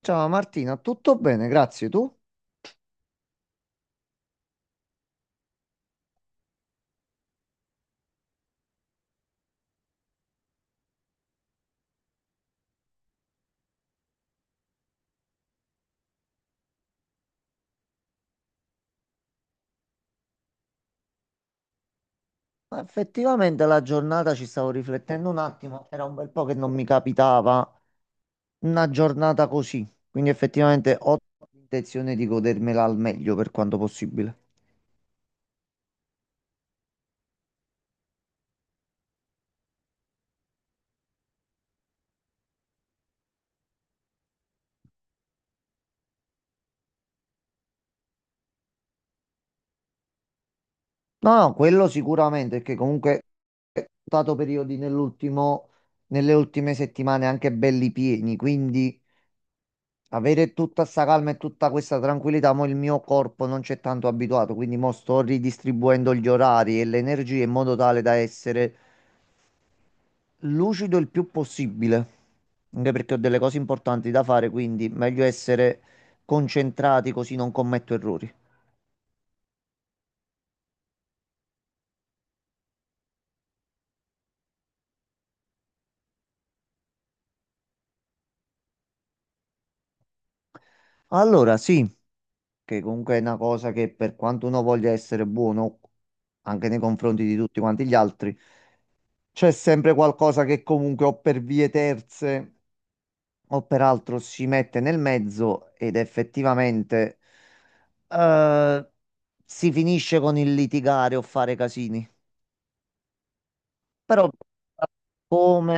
Ciao Martina, tutto bene, grazie. Tu? Ma effettivamente la giornata, ci stavo riflettendo un attimo, era un bel po' che non mi capitava una giornata così, quindi effettivamente ho l'intenzione di godermela al meglio per quanto possibile. No, no, quello sicuramente, perché comunque ho stato periodi nelle ultime settimane anche belli pieni, quindi avere tutta sta calma e tutta questa tranquillità, ma il mio corpo non c'è tanto abituato, quindi mo sto ridistribuendo gli orari e le energie in modo tale da essere lucido il più possibile, anche perché ho delle cose importanti da fare, quindi meglio essere concentrati così non commetto errori. Allora, sì, che comunque è una cosa che, per quanto uno voglia essere buono, anche nei confronti di tutti quanti gli altri, c'è sempre qualcosa che comunque o per vie terze o peraltro si mette nel mezzo ed effettivamente eh, si finisce con il litigare o fare casini. Però come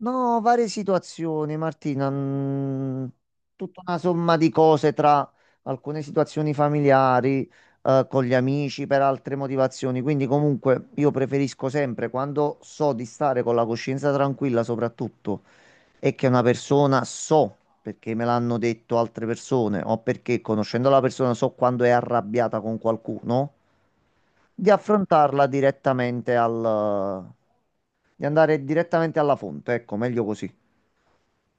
No, varie situazioni, Martina. Tutta una somma di cose tra alcune situazioni familiari, con gli amici, per altre motivazioni. Quindi, comunque, io preferisco sempre, quando so di stare con la coscienza tranquilla soprattutto, e che una persona so, perché me l'hanno detto altre persone, o perché conoscendo la persona so quando è arrabbiata con qualcuno, di di andare direttamente alla fonte. Ecco, meglio così.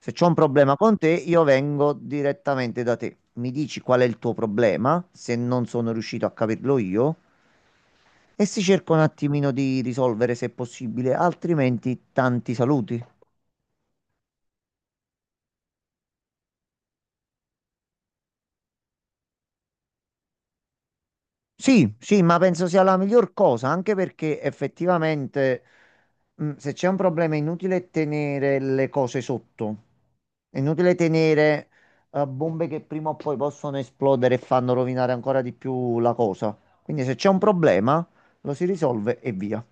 Se c'ho un problema con te, io vengo direttamente da te. Mi dici qual è il tuo problema, se non sono riuscito a capirlo io, e si cerca un attimino di risolvere se possibile, altrimenti tanti saluti. Sì, sì, ma penso sia la miglior cosa, anche perché effettivamente se c'è un problema è inutile tenere le cose sotto, è inutile tenere bombe che prima o poi possono esplodere e fanno rovinare ancora di più la cosa. Quindi se c'è un problema lo si risolve e via.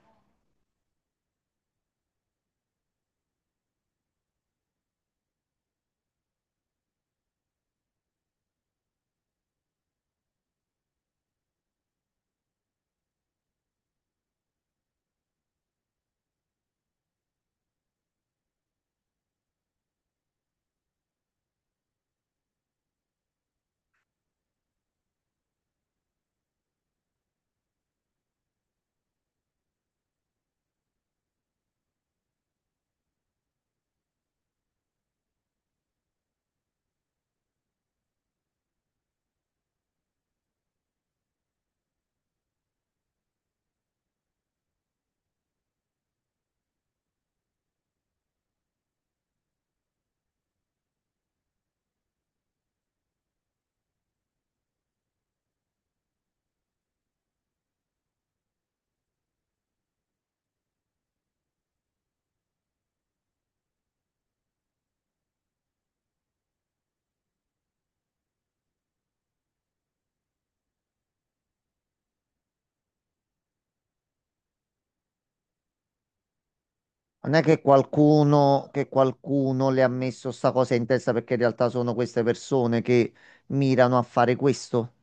Non è che qualcuno le ha messo sta cosa in testa, perché in realtà sono queste persone che mirano a fare questo.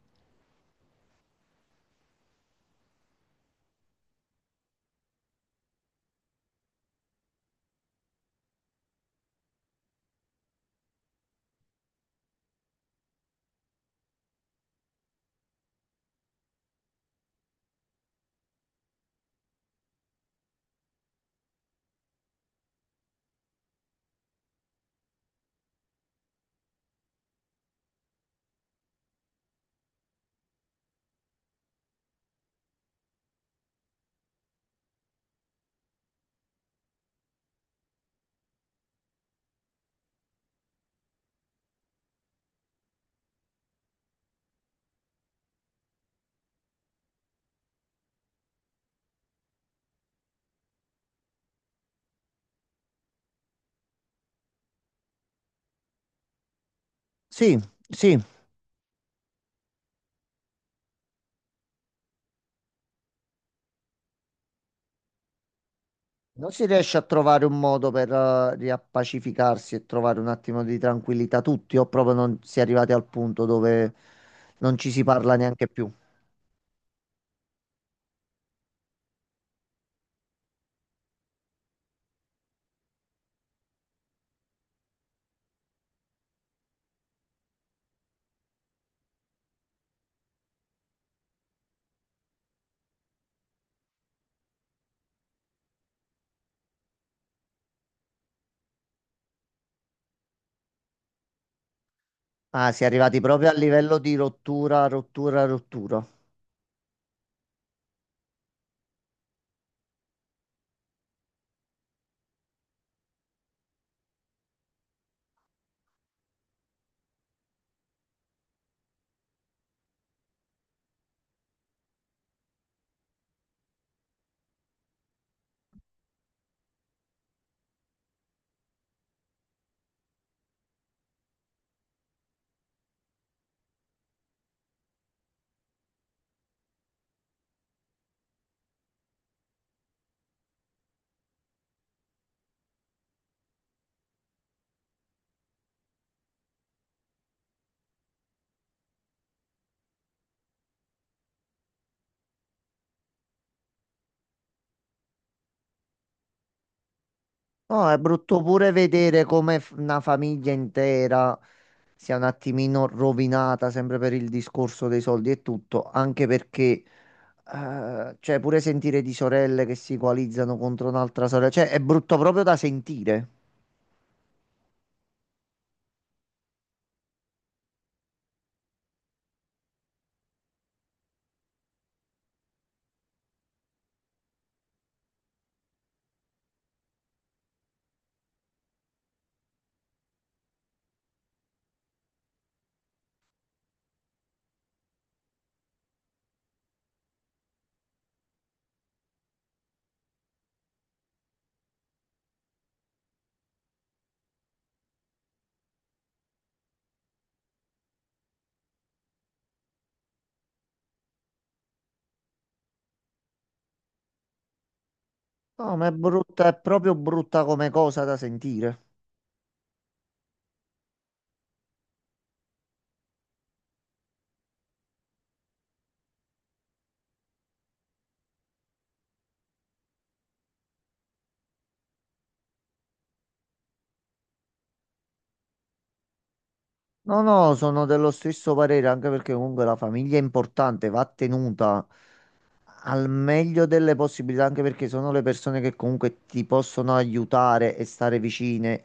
Sì, sì. Non si riesce a trovare un modo per riappacificarsi e trovare un attimo di tranquillità tutti, o proprio non si è arrivati al punto dove non ci si parla neanche più? Ah, si è arrivati proprio a livello di rottura, rottura, rottura. No, è brutto pure vedere come una famiglia intera sia un attimino rovinata, sempre per il discorso dei soldi e tutto, anche perché, cioè, pure sentire di sorelle che si coalizzano contro un'altra sorella, cioè, è brutto proprio da sentire. No, ma è brutta, è proprio brutta come cosa da sentire. No, no, sono dello stesso parere, anche perché comunque la famiglia è importante, va tenuta al meglio delle possibilità, anche perché sono le persone che comunque ti possono aiutare e stare vicine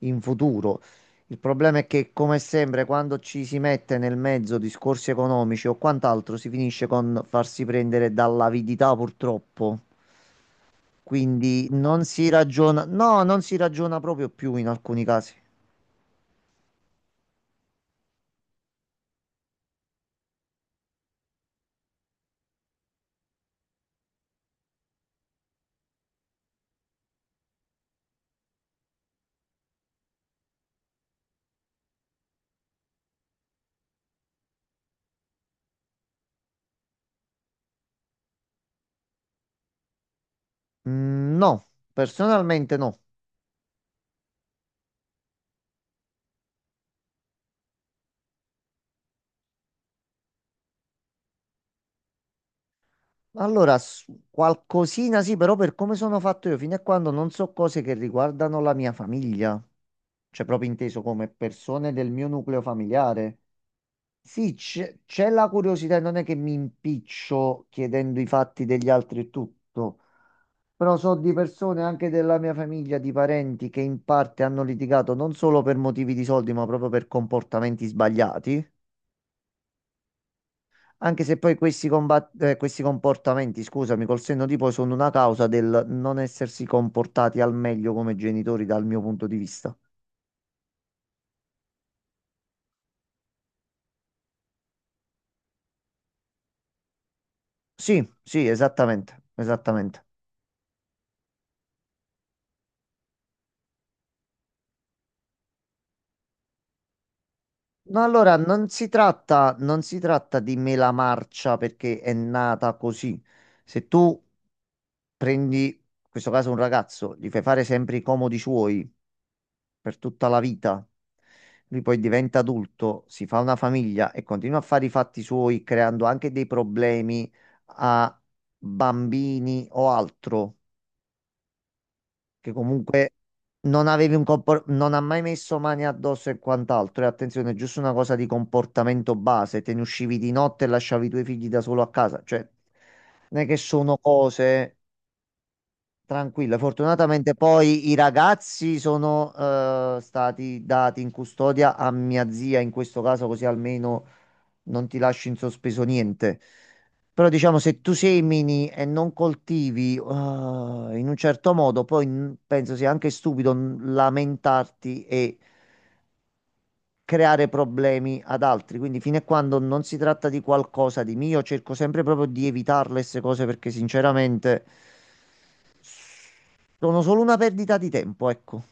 in futuro. Il problema è che, come sempre, quando ci si mette nel mezzo discorsi economici o quant'altro, si finisce con farsi prendere dall'avidità, purtroppo. Quindi non si ragiona, no, non si ragiona proprio più in alcuni casi. Mm, no, personalmente no. Allora, qualcosina sì, però per come sono fatto io, fino a quando non so cose che riguardano la mia famiglia, cioè proprio inteso come persone del mio nucleo familiare. Sì, c'è la curiosità, e non è che mi impiccio chiedendo i fatti degli altri e tutto. Però so di persone anche della mia famiglia, di parenti che in parte hanno litigato non solo per motivi di soldi, ma proprio per comportamenti sbagliati. Anche se poi questi, questi comportamenti, scusami, col senno di poi sono una causa del non essersi comportati al meglio come genitori dal mio punto di vista. Sì, sì, esattamente, esattamente. No, non si tratta di mela marcia perché è nata così. Se tu prendi, in questo caso, un ragazzo, gli fai fare sempre i comodi suoi per tutta la vita. Lui poi diventa adulto, si fa una famiglia e continua a fare i fatti suoi, creando anche dei problemi a bambini o altro, che comunque non avevi un compor- non ha mai messo mani addosso e quant'altro. E attenzione, è giusto una cosa di comportamento base, te ne uscivi di notte e lasciavi i tuoi figli da solo a casa, cioè non è che sono cose... Tranquilla, fortunatamente poi i ragazzi sono stati dati in custodia a mia zia in questo caso, così almeno non ti lascio in sospeso niente. Però diciamo, se tu semini e non coltivi in un certo modo, poi penso sia anche stupido lamentarti e creare problemi ad altri. Quindi fino a quando non si tratta di qualcosa di mio, cerco sempre proprio di evitare queste cose perché sinceramente sono solo una perdita di tempo, ecco.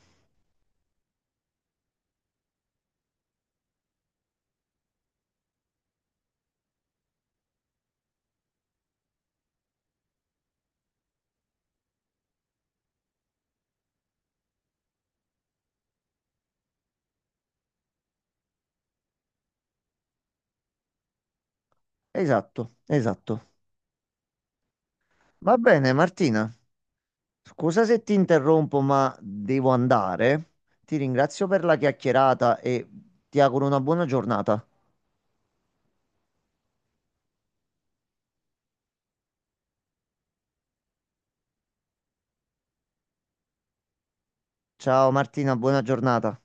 Esatto, esatto. Va bene, Martina. Scusa se ti interrompo, ma devo andare. Ti ringrazio per la chiacchierata e ti auguro una buona giornata. Ciao Martina, buona giornata.